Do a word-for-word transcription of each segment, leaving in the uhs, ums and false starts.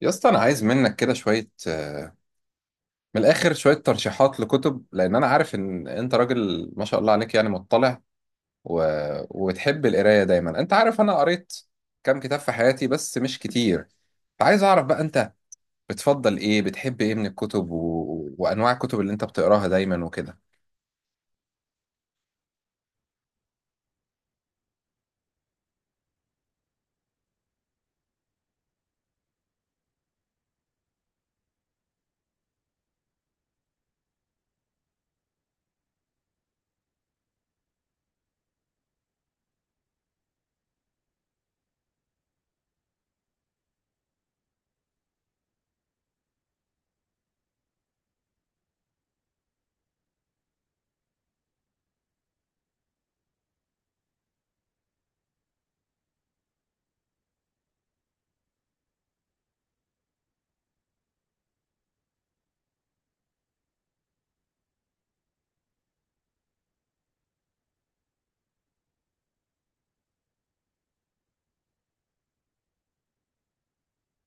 يا اسطى انا عايز منك كده شويه آه، من الاخر شويه ترشيحات لكتب لان انا عارف ان انت راجل ما شاء الله عليك يعني مطلع و... وتحب القرايه دايما. انت عارف انا قريت كام كتاب في حياتي بس مش كتير، فعايز اعرف بقى انت بتفضل ايه، بتحب ايه من الكتب و... وانواع الكتب اللي انت بتقراها دايما وكده.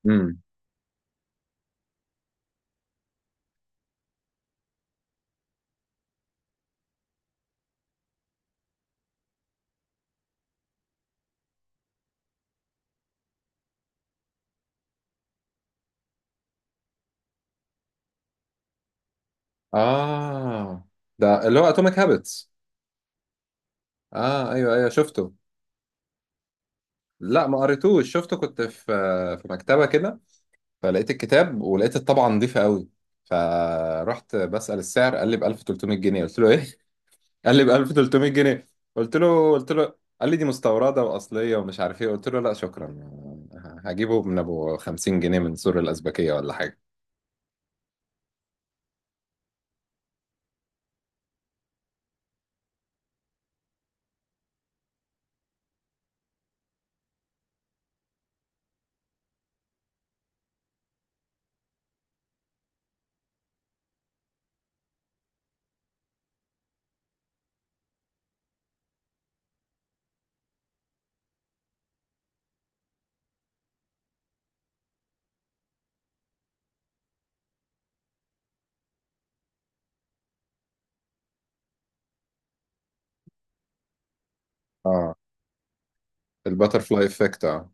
امم. اه، ده اللي هو اتوميك هابتس. اه ايوه ايوه شفته. لا ما قريتوش، شفته كنت في في مكتبه كده، فلقيت الكتاب ولقيت الطبعة نظيفة قوي، فرحت بسأل السعر. قال لي ب ألف وتلتمية جنيه. قلت له ايه؟ قال لي ب ألف وتلتمية جنيه. قلت له قلت له قال لي دي مستوردة وأصلية ومش عارف ايه. قلت له لا شكرا، هجيبه من ابو خمسين جنيه من سور الأزبكية ولا حاجة. اه الباترفلاي افكت، اه.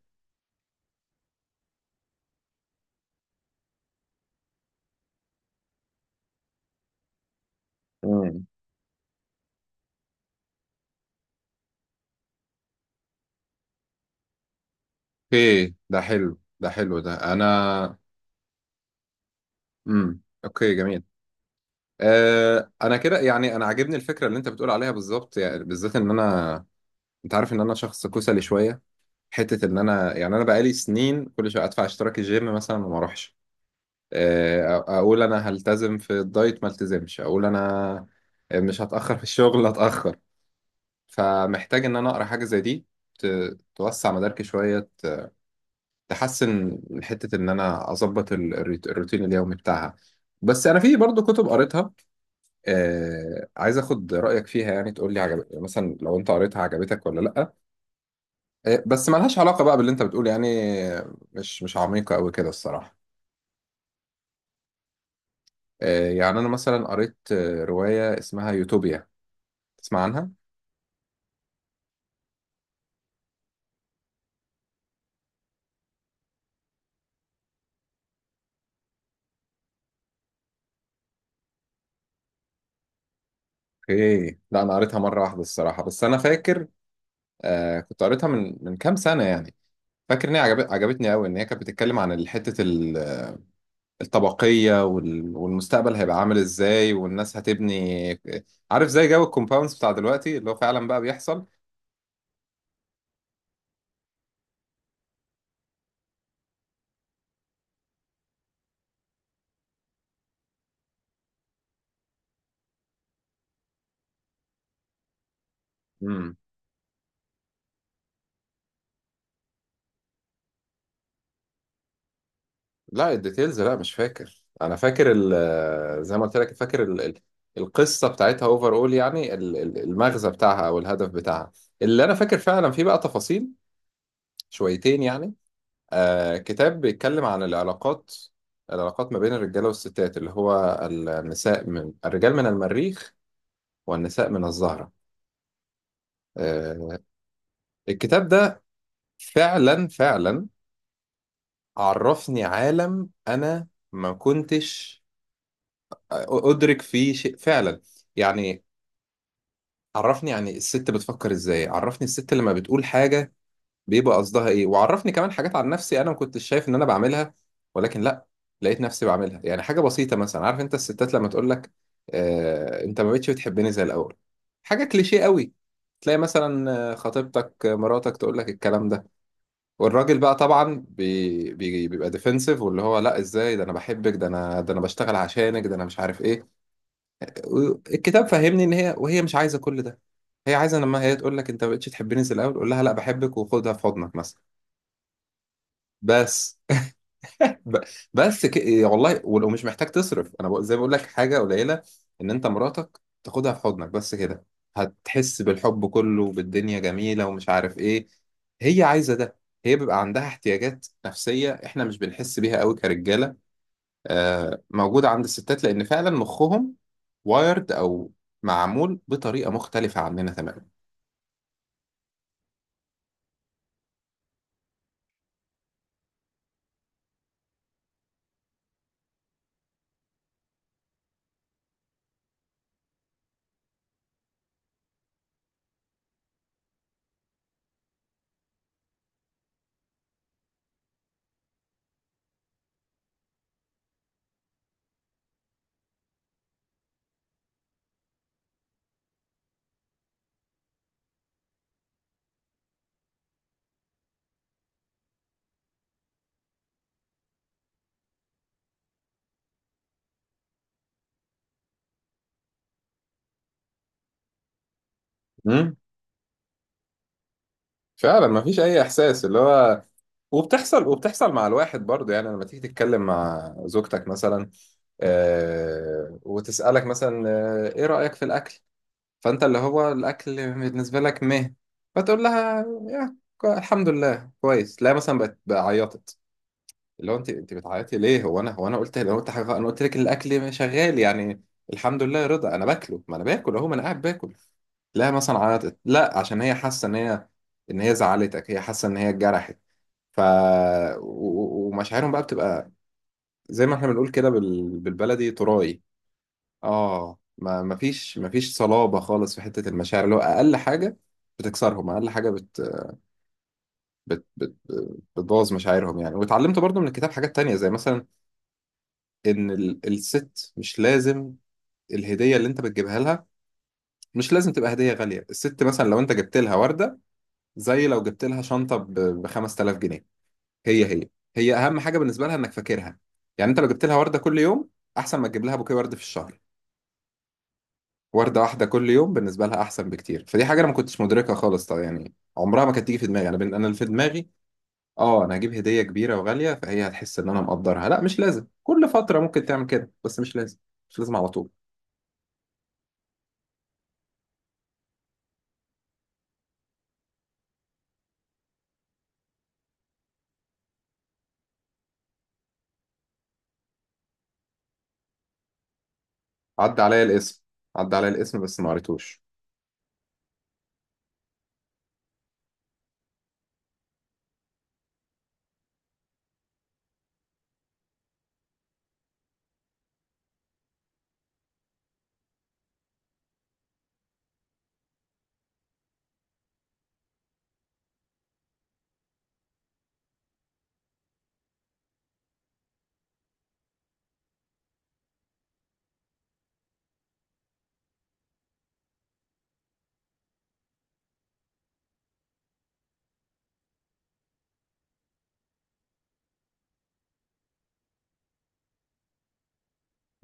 امم. اوكي ده حلو، ده حلو، ده انا. امم اوكي جميل. آه انا كده يعني انا عاجبني الفكره اللي انت بتقول عليها بالظبط، يعني بالذات ان انا، انت عارف ان انا شخص كسلي شويه، حته ان انا يعني انا بقالي سنين كل شويه ادفع اشتراك الجيم مثلا وما اروحش. آه، أ- اقول انا هلتزم في الدايت ما التزمش، اقول انا مش هتاخر في الشغل اتاخر. فمحتاج ان انا اقرا حاجه زي دي، ت- توسع مداركي شويه، ت- تحسن من حته ان انا اظبط ال- الروت- الروتين اليومي بتاعها. بس انا في برضو كتب قريتها، آه، عايز اخد رايك فيها. يعني تقول لي عجب مثلا، لو انت قريتها عجبتك ولا لا. إيه، بس ملهاش علاقة بقى باللي انت بتقول يعني، مش مش عميقة قوي كده الصراحة. إيه، يعني انا مثلا قريت آه، رواية اسمها يوتوبيا، تسمع عنها؟ اوكي، لا انا قريتها مرة واحدة الصراحة. بس انا فاكر، آه كنت قريتها من من كام سنة يعني. فاكر ان هي عجب- عجبتني قوي. ان هي كانت بتتكلم عن ال- حتة ال- الطبقية وال- والمستقبل هيبقى عامل ازاي، والناس هتبني آه، عارف زي جو الكومباوندز بتاع دلوقتي اللي هو فعلا بقى بيحصل. مم. لا الديتيلز لا مش فاكر. انا فاكر ال- زي ما قلت لك، فاكر ال- ال- القصه بتاعتها اوفر اول، يعني ال- ال- المغزى بتاعها او الهدف بتاعها. اللي انا فاكر فعلا فيه بقى تفاصيل شويتين يعني. آه كتاب بيتكلم عن العلاقات العلاقات ما بين الرجاله والستات، اللي هو النساء من الرجال من المريخ والنساء من الزهره. آه الكتاب ده فعلا فعلا عرفني عالم انا ما كنتش ادرك فيه شيء فعلا. يعني عرفني يعني الست بتفكر ازاي، عرفني الست لما بتقول حاجة بيبقى قصدها ايه، وعرفني كمان حاجات عن نفسي انا ما كنتش شايف ان انا بعملها، ولكن لا، لقيت نفسي بعملها. يعني حاجة بسيطة مثلا، عارف انت الستات لما تقول لك آه انت ما بقتش بتحبني زي الاول، حاجة كليشيه قوي، تلاقي مثلا آه، خطيبتك آه، مراتك تقول لك الكلام ده، والراجل بقى طبعا بي بي بيبقى ديفنسيف واللي هو لا ازاي، ده انا بحبك، ده انا، ده انا بشتغل عشانك، ده انا مش عارف ايه. الكتاب فهمني ان هي وهي مش عايزه كل ده، هي عايزه لما هي تقول لك انت ما بقتش تحبني زي الاول قول لها لا بحبك وخدها في حضنك مثلا. بس ب- بس ك... إيه، والله ولو مش محتاج تصرف. انا بقول- زي ما بقول لك حاجه قليله ان انت مراتك تاخدها في حضنك بس كده، هتحس بالحب كله وبالدنيا جميله ومش عارف ايه. هي عايزه ده، هي بيبقى عندها احتياجات نفسيه احنا مش بنحس بيها قوي كرجاله. آه، موجودة عند الستات لأن فعلا مخهم وايرد، أو معمول بطريقة مختلفة عننا تماما. امم. فعلا ما فيش أي إحساس اللي هو، وبتحصل وبتحصل مع الواحد برضه. يعني لما تيجي تتكلم مع زوجتك مثلا، آه، وتسألك مثلا آه، إيه رأيك في الأكل؟ فأنت اللي هو الأكل بالنسبة لك مه، فتقول لها يا الحمد لله كويس. لا مثلا بقت بقى عيطت. اللي هو انت انت بتعيطي ليه؟ هو انا هو انا قلت لو انت حاجه؟ انا قلت لك الاكل شغال يعني، الحمد لله يا رضا انا باكله، ما انا باكل اهو، ما انا قاعد باكل. لا مثلا عيطت، لا عشان هي حاسه ان هي، ان هي زعلتك، هي حاسه ان هي اتجرحت. ف و- و- ومشاعرهم بقى بتبقى زي ما احنا بنقول كده بال... بالبلدي تراي. اه ما ما فيش ما فيش صلابه خالص في حته المشاعر، اللي هو اقل حاجه بتكسرهم، اقل حاجه بت... بت... بت... بتبوظ مشاعرهم يعني. واتعلمت برضو من الكتاب حاجات تانية، زي مثلا ان ال- الست مش لازم الهديه اللي انت بتجيبها لها مش لازم تبقى هديه غاليه. الست مثلا لو انت جبت لها ورده زي لو جبت لها شنطه ب خمس تلاف جنيه، هي هي هي اهم حاجه بالنسبه لها انك فاكرها. يعني انت لو جبت لها ورده كل يوم احسن ما تجيب لها بوكيه ورد في الشهر، ورده واحده كل يوم بالنسبه لها احسن بكتير. فدي حاجه انا ما كنتش مدركها خالص طبعا، يعني عمرها ما كانت تيجي في دماغي. انا بن... انا اللي في دماغي اه انا هجيب هديه كبيره وغاليه فهي هتحس ان انا مقدرها. لا مش لازم، كل فتره ممكن تعمل كده بس مش لازم، مش لازم على طول. عدى عليا الاسم، عدى عليا الاسم بس ما قريتوش.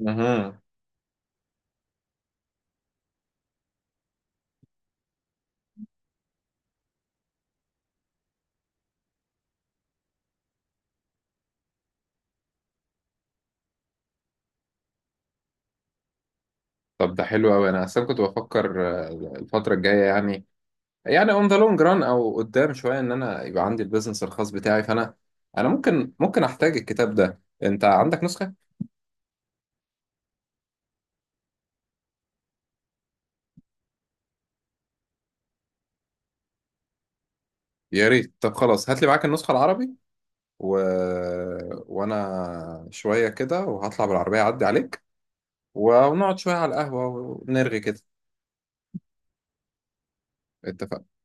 اها، طب ده حلو قوي. انا اصلا كنت بفكر آه، الفتره الجايه يعني، يعني اون ذا لونج ران او قدام شويه، ان انا يبقى عندي البيزنس الخاص بتاعي. فانا انا ممكن ممكن احتاج الكتاب ده، انت عندك نسخه؟ يا ريت، طب خلاص هات لي معاك النسخه العربي و... وانا شويه كده وهطلع بالعربيه اعدي عليك، ونقعد شويه على القهوه ونرغي كده. اتفقنا.